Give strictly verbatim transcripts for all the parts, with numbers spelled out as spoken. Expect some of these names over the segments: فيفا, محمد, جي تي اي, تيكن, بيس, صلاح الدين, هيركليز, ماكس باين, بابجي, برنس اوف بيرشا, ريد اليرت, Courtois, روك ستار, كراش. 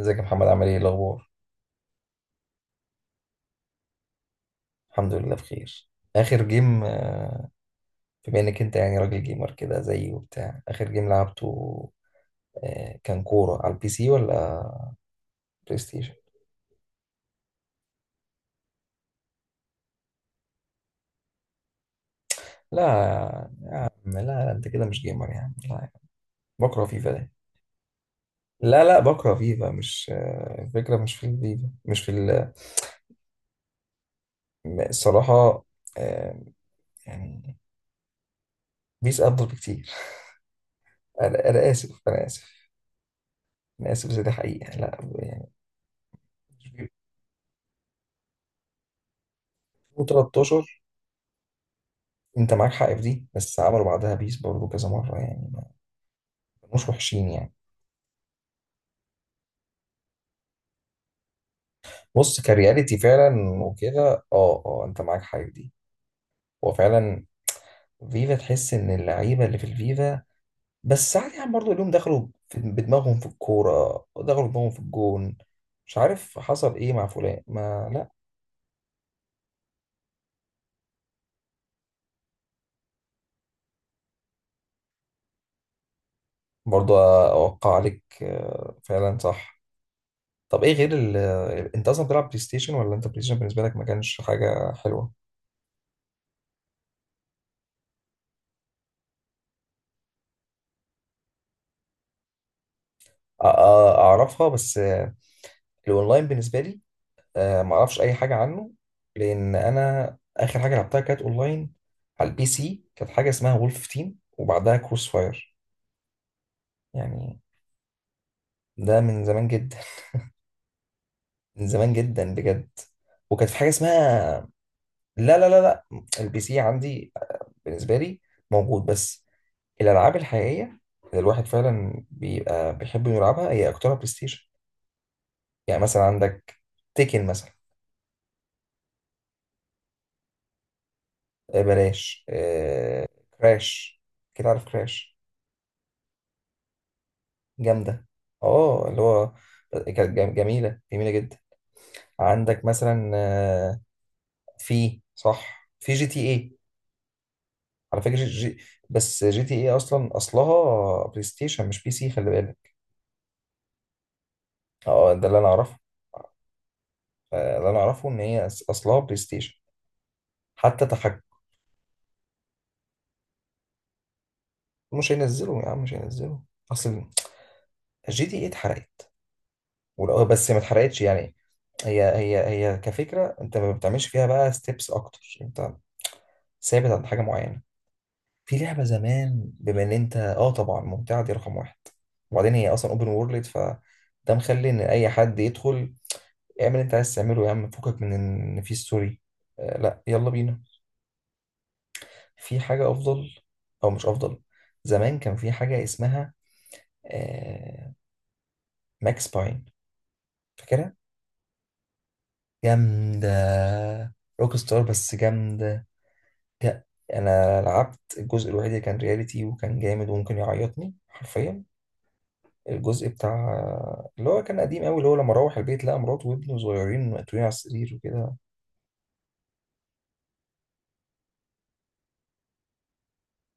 ازيك يا محمد، عامل ايه؟ إيه الاخبار؟ الحمد لله بخير. اخر جيم؟ آه، بما انك انت يعني راجل جيمر كده زيي وبتاع. اخر جيم لعبته آه، كان كوره على البي سي ولا بلاي ستيشن؟ لا لا لا، انت كده مش جيمر يعني، لا. بكره فيفا ده. لا لا، بكره فيفا، مش آه، الفكره، مش في الفيفا، مش في ال- الصراحه. آه، يعني بيس افضل بكتير. انا انا اسف انا اسف انا اسف بس دي حقيقه، لا يعني. ألفين وتلتاشر. انت معاك حق في دي، بس عملوا بعدها بيس برضه كذا مره يعني، ما كانوش وحشين يعني. بص، كرياليتي فعلا وكده، اه اه، انت معاك حق في دي. هو فعلا فيفا تحس ان اللعيبه اللي في الفيفا، بس ساعات يعني برضه اليوم دخلوا في- بدماغهم في الكوره، ودخلوا بدماغهم في الجون، مش عارف حصل ايه مع فلان، ما، لا. برضه اوقع عليك، آه، فعلا صح. طب ايه غير ال... انت اصلا بتلعب بلاي ستيشن، ولا انت بلاي ستيشن بالنسبه لك ما كانش حاجه حلوه؟ أ- أ- اعرفها، بس الاونلاين بالنسبه لي آه، ما اعرفش اي حاجه عنه. لان انا اخر حاجه لعبتها كانت اونلاين، على البي سي، كانت حاجه اسمها وولف تيم وبعدها كروس فاير يعني. ده من زمان جدا. من زمان جدا بجد. وكانت في حاجه اسمها، لا لا لا لا. البي سي عندي بالنسبه لي موجود بس، الالعاب الحقيقيه اللي الواحد فعلا بيبقى بيحب إنه يلعبها هي اكترها بلاي ستيشن. يعني مثلا عندك تيكن مثلا، آه، بلاش آه، كراش، كده عارف كراش؟ جامدة. اه اللي هو، كانت جم- جميلة جميلة جدا. عندك مثلا آه، في، صح، في جي تي اي. على فكرة جي، بس جي تي اي اصلا اصلها بلاي ستيشن مش بي سي، خلي بالك. اه ده اللي انا اعرفه. آه، اللي انا اعرفه ان هي أص- اصلها بلاي ستيشن، حتى تحكم. مش هينزلوا يا عم، مش هينزلوا. اصل جي تي اي اتحرقت، ولو- بس ما اتحرقتش يعني. هي هي هي كفكرة انت ما بتعملش فيها بقى ستيبس اكتر، انت ثابت عند حاجة معينة. في لعبة زمان، بما ان انت اه طبعا ممتعة دي رقم واحد. وبعدين هي اصلا اوبن وورلد، فده مخلي ان اي حد يدخل اعمل اللي انت عايز تعمله يا عم، فكك من ان في ستوري. آه لا، يلا بينا. في حاجة افضل، او مش افضل، زمان كان في حاجة اسمها آه ماكس باين، فاكرها؟ جامدة. روك ستار، بس جامدة. جا- انا لعبت الجزء الوحيد اللي كان رياليتي وكان جامد وممكن يعيطني حرفيا. الجزء بتاع اللي هو كان قديم قوي، اللي هو لما روح البيت لقى مراته وابنه صغيرين مقتولين على السرير وكده.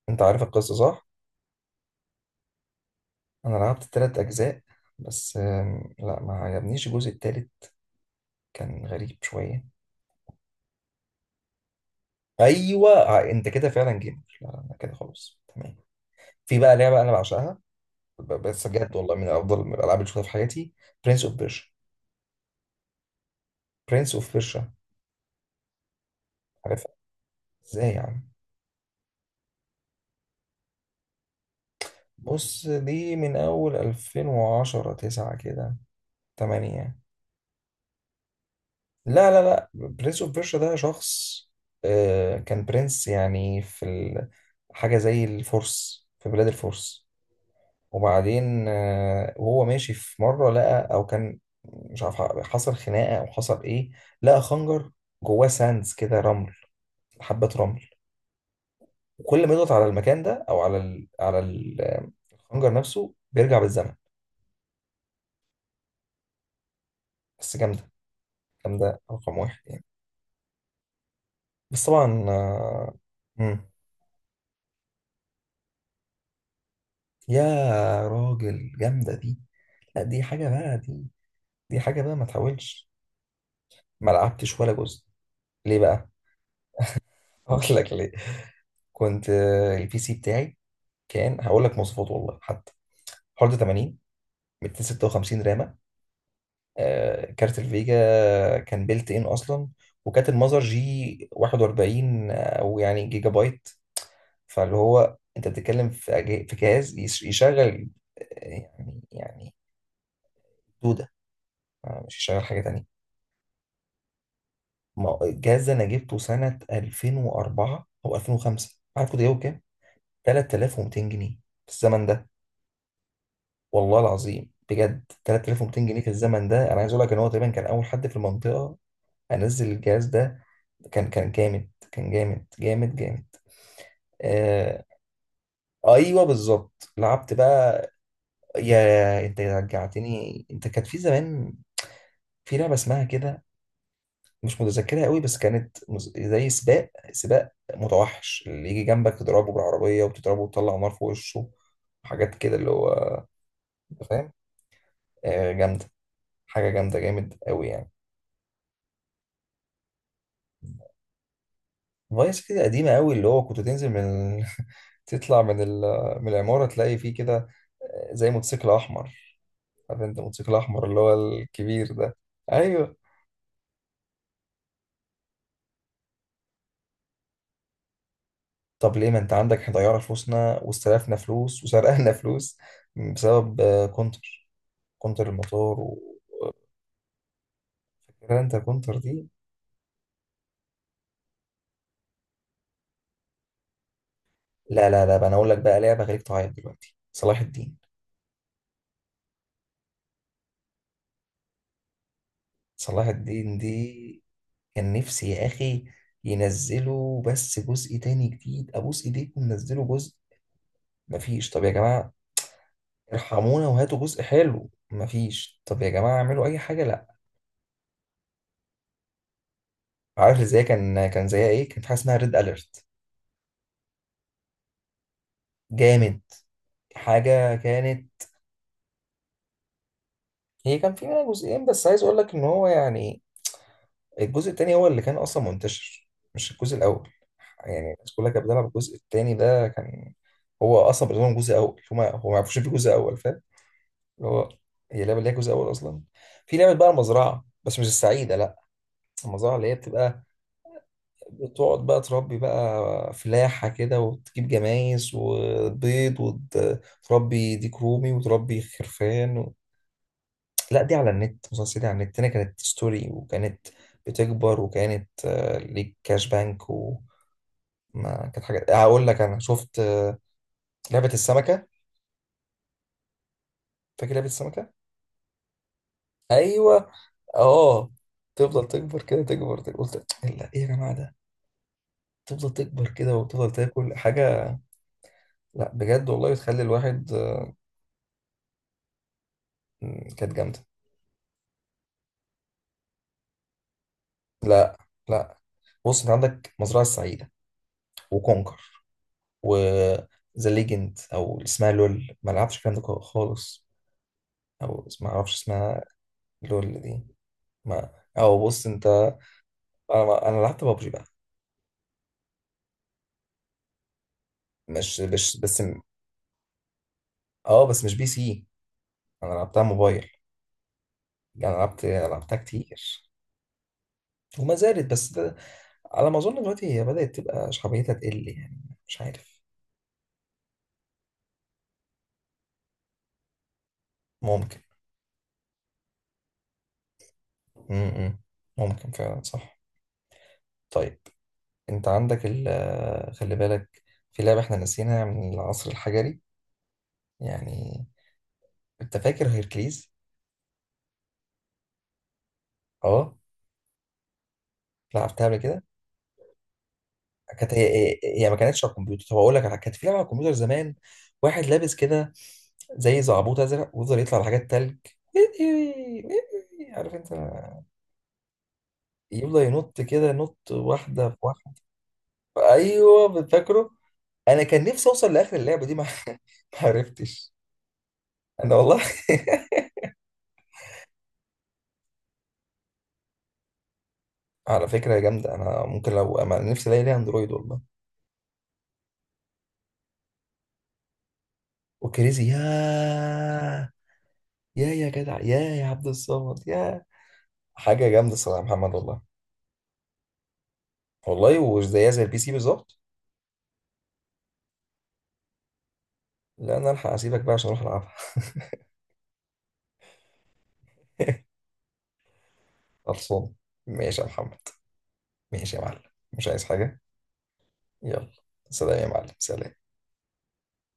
انت عارف القصة صح؟ انا لعبت التلات اجزاء، بس آم، لا، ما عجبنيش الجزء التالت، كان غريب شوية. ايوه ع- انت كده فعلا جيمر، لا انا كده خلاص تمام. في بقى لعبة انا بعشقها، ب- بس بجد والله من افضل من الالعاب اللي شفتها في حياتي. برنس اوف بيرشا. برنس اوف بيرشا، عارفها، ازاي يا عم؟ بص دي من اول ألفين وعشرة، تسعة كده، تمانية. لا لا لا، برنس اوف بيرشا ده شخص، آه، كان برنس يعني في ال- حاجة زي الفرس، في بلاد الفرس. وبعدين آه، وهو ماشي في مرة لقى أو كان، مش عارف حصل خناقة أو حصل إيه، لقى خنجر جواه ساندز كده، رمل، حبة رمل. وكل ما يضغط على المكان ده أو على ال على ال- آه، الخنجر نفسه بيرجع بالزمن. بس جامدة، جامدة رقم واحد يعني. بس طبعا آه، مم. يا راجل جامدة دي. لا دي حاجة بقى دي، دي حاجة بقى ما تحاولش. ما لعبتش ولا جزء. ليه بقى؟ هقول لك ليه. كنت آه، البي سي بتاعي كان، هقول لك مواصفات والله حتى: هارد ثمانين، ميتين وستة وخمسين رامة، آه، كارت الفيجا كان بيلت ان اصلا، وكانت المذر جي واحد واربعين او يعني جيجا بايت. فاللي هو انت بتتكلم في أجه- في جهاز يش- يشغل آه، يعني يعني دودة، آه، مش يشغل حاجة. ما- الجهاز ده انا جبته سنة ألفين واربعة او ألفين وخمسة، عارف كنت جايبه بكام؟ تلاتلاف ومتين جنيه في الزمن ده. والله العظيم بجد، تلاتلاف ومتين جنيه في الزمن ده. انا عايز اقول لك ان هو تقريبا كان اول حد في المنطقة انزل الجهاز ده. كان كان جامد، كان جامد جامد جامد. آه. ايوه بالظبط، لعبت بقى. يا انت رجعتني، انت كانت في زمان في لعبه اسمها كده، مش متذكرها قوي، بس كانت مز- زي سباق، سباق متوحش، اللي يجي جنبك تضربه بالعربية وتضربه وتطلع نار في وشه، حاجات كده، اللي هو أنت فاهم، آه، جامدة. حاجة جامدة، جامد قوي يعني. فايس كده قديمة قوي، اللي هو كنت تنزل من ال- تطلع من ال... من العمارة تلاقي فيه كده آه، زي موتوسيكل أحمر. عارف أنت موتوسيكل أحمر اللي هو الكبير ده؟ أيوه. طب ليه ما أنت عندك، ضيعنا فلوسنا واستلفنا فلوس وسرقنا فلوس بسبب آه، كونتر. كونتر الموتور، جرانتا كونتر دي. لا لا لا بقى، انا اقول لك بقى لعبه خليك تعيط دلوقتي: صلاح الدين. صلاح الدين دي، كان نفسي يا اخي ينزلوا بس جزء تاني جديد، ابوس ايديكم نزلوا جزء. مفيش، طب يا جماعه ارحمونا وهاتوا جزء حلو. مفيش، طب يا جماعه اعملوا اي حاجه، لا. عارف ازاي؟ كان كان زيها ايه، كان في حاجه اسمها ريد اليرت. جامد. حاجه كانت، هي كان في منها جزئين، بس عايز اقول لك ان هو يعني الجزء التاني هو اللي كان اصلا منتشر، مش الجزء الاول. يعني الناس كلها كانت بتلعب الجزء التاني ده، كان هو اصلا بالنسبه لهم جزء اول، هما هو ما يعرفوش في جزء اول، فاهم؟ اللي هو هي لعبه اللي هي جزء اول اصلا. في لعبه بقى المزرعه، بس مش السعيده، لا. المزرعه اللي هي بتبقى، بتقعد بقى تربي بقى فلاحه كده، وتجيب جمايز وبيض وتربي ديك رومي وتربي خرفان و... لا دي على النت مسلسل، دي على النت، هنا كانت ستوري وكانت بتكبر، وكانت آه، ليك كاش بانك، ما كانت حاجة، هقول لك انا شفت آه، لعبة السمكة، فاكر لعبة السمكة؟ ايوه. اه. تفضل تكبر كده، تكبر تكبر. قلت لا ايه يا جماعة ده، تفضل تكبر كده وتفضل تاكل حاجة. لا بجد والله بتخلي الواحد آه، م، كانت جامدة. لا لا، بص انت عندك مزرعة السعيدة، وكونكر، وذا ليجند او اللي اسمها لول، ما لعبش الكلام ده خالص، او ما اعرفش اسمها. لول دي ما، او بص انت، انا انا لعبت بابجي بقى. مش مش بس اه، بس مش بي سي، انا لعبتها موبايل. يعني لعبت، لعبتها كتير وما زالت، بس ده على ما اظن دلوقتي هي بدأت تبقى شعبيتها تقل يعني، مش عارف. ممكن. امم ممكن فعلا صح. طيب، انت عندك ال، خلي بالك، في لعبة احنا نسيناها من العصر الحجري يعني، انت فاكر هيركليز؟ اه، لعبتها قبل كده. كانت هي هي هي ما كانتش على الكمبيوتر، طب اقول لك على- كانت في لعبه على الكمبيوتر زمان، واحد لابس كده زي زعبوط ازرق، ويفضل يطلع لحاجات تلج عارف انت، يفضل ينط كده، نط واحده في واحده. ايوه بتفكره. انا كان نفسي اوصل لاخر اللعبه دي، ما ما عرفتش. انا والله على فكره يا جامده، انا ممكن لو انا نفسي الاقي ليها اندرويد والله. وكريزي، يا يا يا جدع، يا يا عبد الصمد يا. حاجه جامده الصراحه يا محمد والله. والله وزيها زي البي سي بالظبط. لا انا الحق اسيبك بقى عشان اروح العبها. خلصان. ماشي يا محمد. ماشي يا معلم. مش عايز حاجة. يلا. سلام يا معلم، سلام.